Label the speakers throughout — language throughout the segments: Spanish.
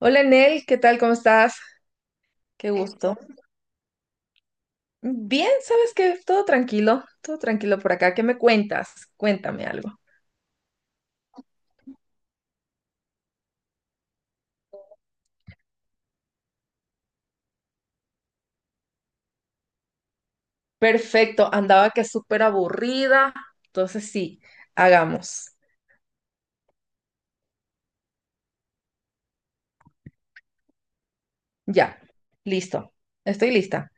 Speaker 1: Hola Nel, ¿qué tal? ¿Cómo estás? Qué gusto. Bien, ¿sabes qué? Todo tranquilo por acá. ¿Qué me cuentas? Cuéntame algo. Perfecto, andaba que súper aburrida. Entonces sí, hagamos. Ya, listo. Estoy lista.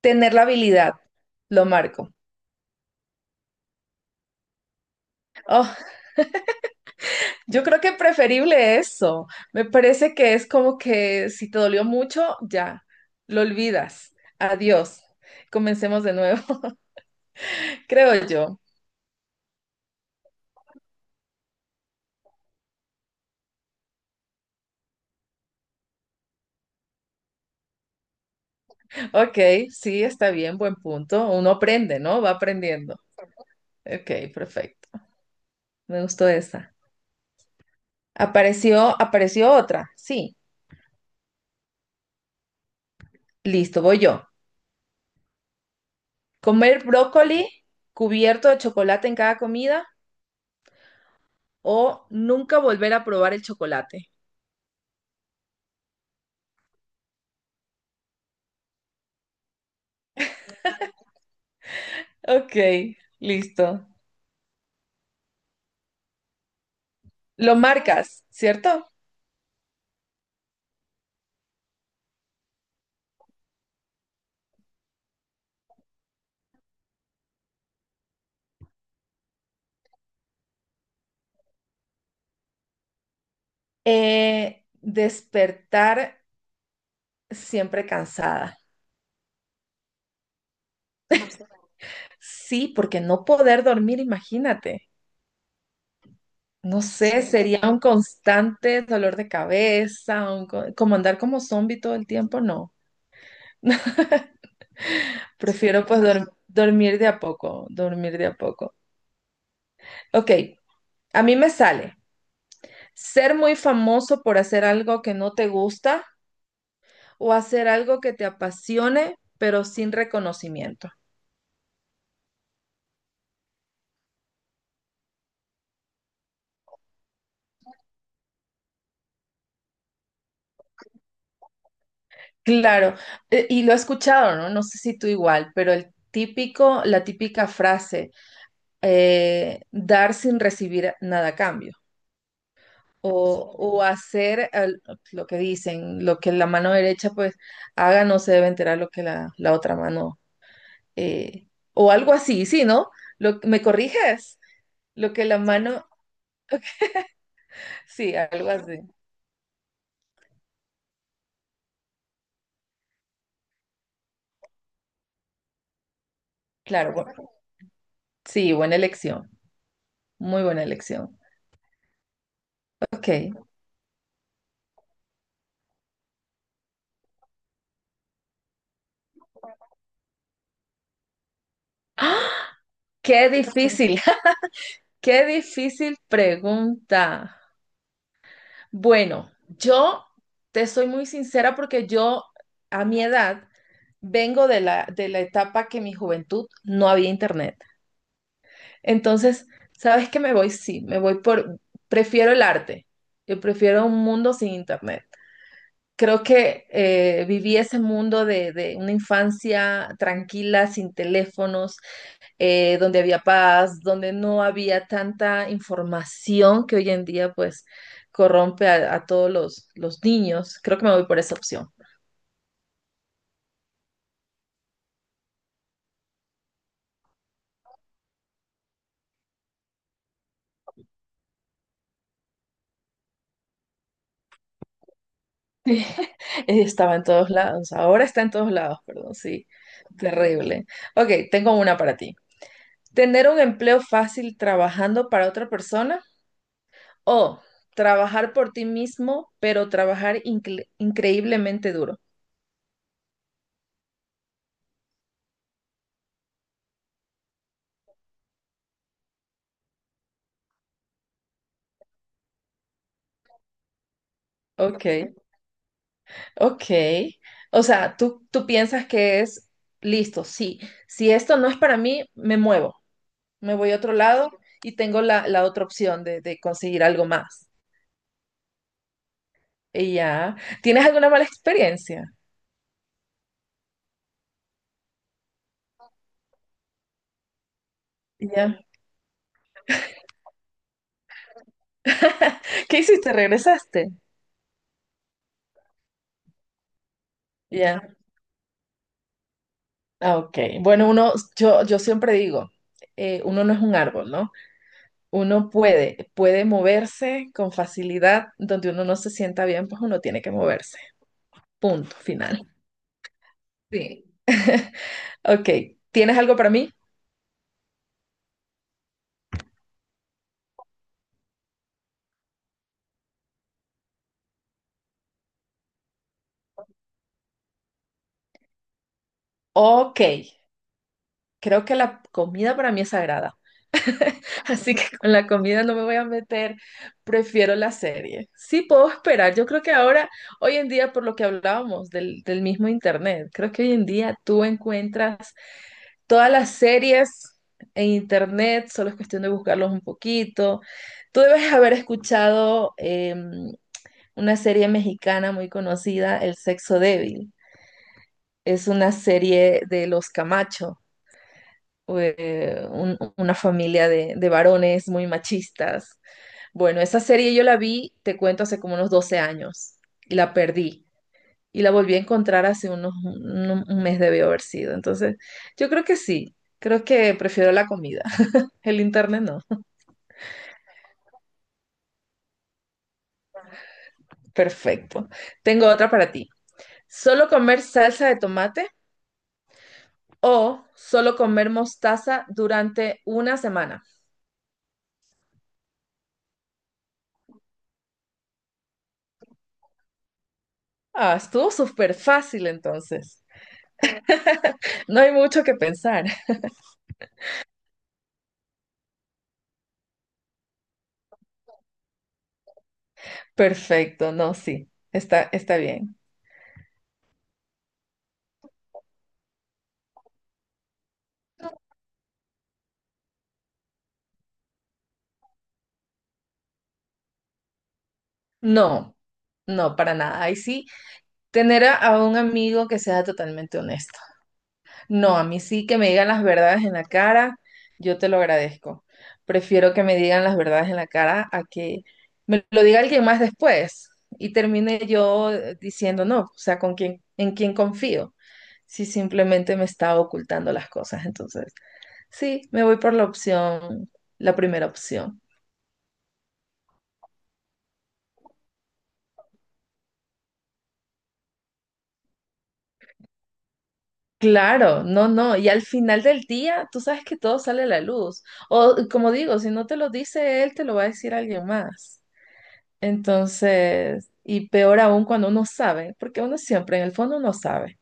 Speaker 1: Tener la habilidad, lo marco. Oh, yo creo que preferible eso. Me parece que es como que si te dolió mucho, ya, lo olvidas. Adiós. Comencemos de nuevo, creo yo. Ok, sí, está bien, buen punto. Uno aprende, ¿no? Va aprendiendo. Ok, perfecto. Me gustó esa. Apareció otra. Sí, listo, voy yo. Comer brócoli cubierto de chocolate en cada comida o nunca volver a probar el chocolate. Ok, listo. Lo marcas, ¿cierto? Despertar siempre cansada. Sí, porque no poder dormir, imagínate. No sé, sería un constante dolor de cabeza, un como andar como zombie todo el tiempo, no. Prefiero pues dormir de a poco, dormir de a poco. Ok, a mí me sale ser muy famoso por hacer algo que no te gusta o hacer algo que te apasione, pero sin reconocimiento. Claro, y lo he escuchado, ¿no? No sé si tú igual, pero el típico, la típica frase, dar sin recibir nada a cambio. O hacer lo que dicen, lo que la mano derecha pues haga, no se debe enterar lo que la otra mano, eh, o algo así, sí, ¿no? Lo, ¿me corriges? Lo que la mano, sí, algo así, claro, bueno, sí, buena elección, muy buena elección. Ok, qué difícil, qué difícil pregunta. Bueno, yo te soy muy sincera porque yo a mi edad vengo de la etapa que en mi juventud no había internet. Entonces, ¿sabes qué me voy? Sí, me voy por, prefiero el arte, yo prefiero un mundo sin internet. Creo que viví ese mundo de una infancia tranquila, sin teléfonos, donde había paz, donde no había tanta información que hoy en día pues corrompe a todos los niños. Creo que me voy por esa opción. Estaba en todos lados, ahora está en todos lados, perdón, sí, terrible. Ok, tengo una para ti. ¿Tener un empleo fácil trabajando para otra persona o trabajar por ti mismo, pero trabajar increíblemente duro? Ok. Ok, o sea, tú piensas que es listo, sí, si esto no es para mí, me muevo, me voy a otro lado y tengo la otra opción de conseguir algo más. Y ya, ¿tienes alguna mala experiencia? Ya, ¿qué hiciste? ¿Regresaste? Ya, ah, ok. Bueno, uno, yo siempre digo, uno no es un árbol, ¿no? Uno puede, puede moverse con facilidad, donde uno no se sienta bien, pues uno tiene que moverse, punto final. Sí. Ok, ¿tienes algo para mí? Ok, creo que la comida para mí es sagrada, así que con la comida no me voy a meter, prefiero la serie. Sí, puedo esperar, yo creo que ahora, hoy en día, por lo que hablábamos del, del mismo internet, creo que hoy en día tú encuentras todas las series en internet, solo es cuestión de buscarlos un poquito. Tú debes haber escuchado em, una serie mexicana muy conocida, El Sexo Débil. Es una serie de los Camacho. Una familia de varones muy machistas. Bueno, esa serie yo la vi, te cuento, hace como unos 12 años y la perdí. Y la volví a encontrar hace unos, un mes debió haber sido. Entonces, yo creo que sí, creo que prefiero la comida. El internet no. Perfecto. Tengo otra para ti. ¿Solo comer salsa de tomate o solo comer mostaza durante una semana? Ah, estuvo súper fácil entonces. No hay mucho que pensar. Perfecto, no, sí, está, está bien. No, no, para nada. Ahí sí, tener a un amigo que sea totalmente honesto. No, a mí sí que me digan las verdades en la cara, yo te lo agradezco. Prefiero que me digan las verdades en la cara a que me lo diga alguien más después y termine yo diciendo no, o sea, con quién, en quién confío, si simplemente me está ocultando las cosas. Entonces, sí, me voy por la opción, la primera opción. Claro, no, no, y al final del día tú sabes que todo sale a la luz. O como digo, si no te lo dice él, te lo va a decir alguien más. Entonces, y peor aún cuando uno sabe, porque uno siempre en el fondo uno sabe.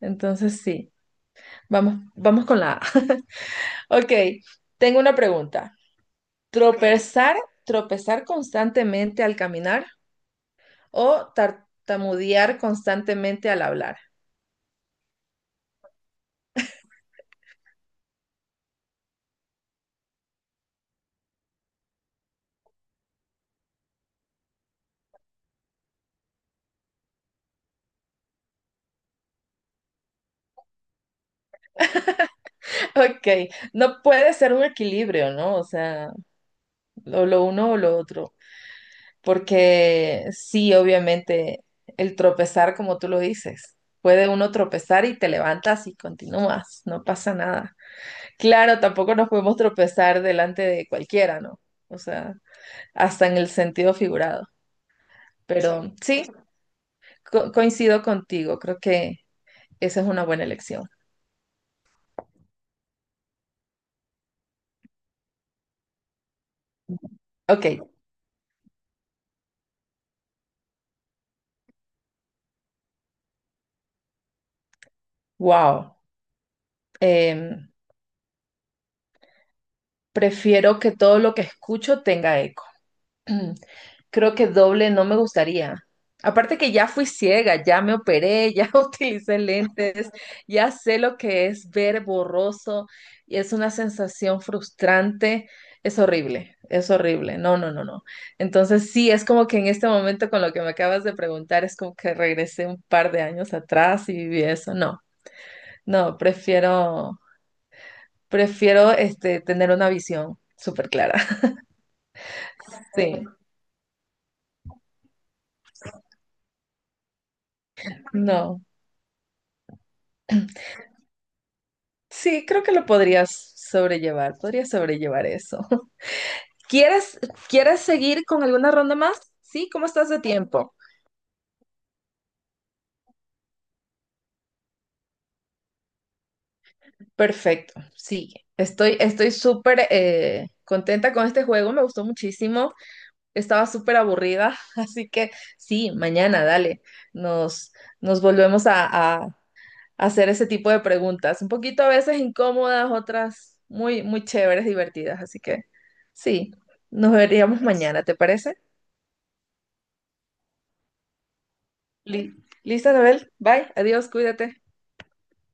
Speaker 1: Entonces sí, vamos, vamos con la A. Ok, tengo una pregunta. ¿Tropezar, tropezar constantemente al caminar o tartamudear constantemente al hablar? Ok, no puede ser un equilibrio, ¿no? O sea, o lo uno o lo otro. Porque sí, obviamente, el tropezar, como tú lo dices, puede uno tropezar y te levantas y continúas, no pasa nada. Claro, tampoco nos podemos tropezar delante de cualquiera, ¿no? O sea, hasta en el sentido figurado. Pero sí, coincido contigo, creo que esa es una buena elección. Ok, wow. Em, prefiero que todo lo que escucho tenga eco. Creo que doble no me gustaría. Aparte que ya fui ciega, ya me operé, ya utilicé lentes, ya sé lo que es ver borroso y es una sensación frustrante. Es horrible, es horrible. No, no, no, no. Entonces sí, es como que en este momento con lo que me acabas de preguntar, es como que regresé un par de años atrás y viví eso. No, no, prefiero, prefiero este, tener una visión súper clara. Sí, no. Sí, creo que lo podrías sobrellevar eso. ¿Quieres, quieres seguir con alguna ronda más? Sí, ¿cómo estás de tiempo? Perfecto, sigue. Estoy, estoy súper contenta con este juego, me gustó muchísimo. Estaba súper aburrida, así que sí, mañana, dale, nos, nos volvemos a, a- a hacer ese tipo de preguntas. Un poquito a veces incómodas, otras muy, muy chéveres, divertidas, así que sí, nos veríamos mañana, ¿te parece? Li- Listo, Anabel. Bye. Adiós. Cuídate.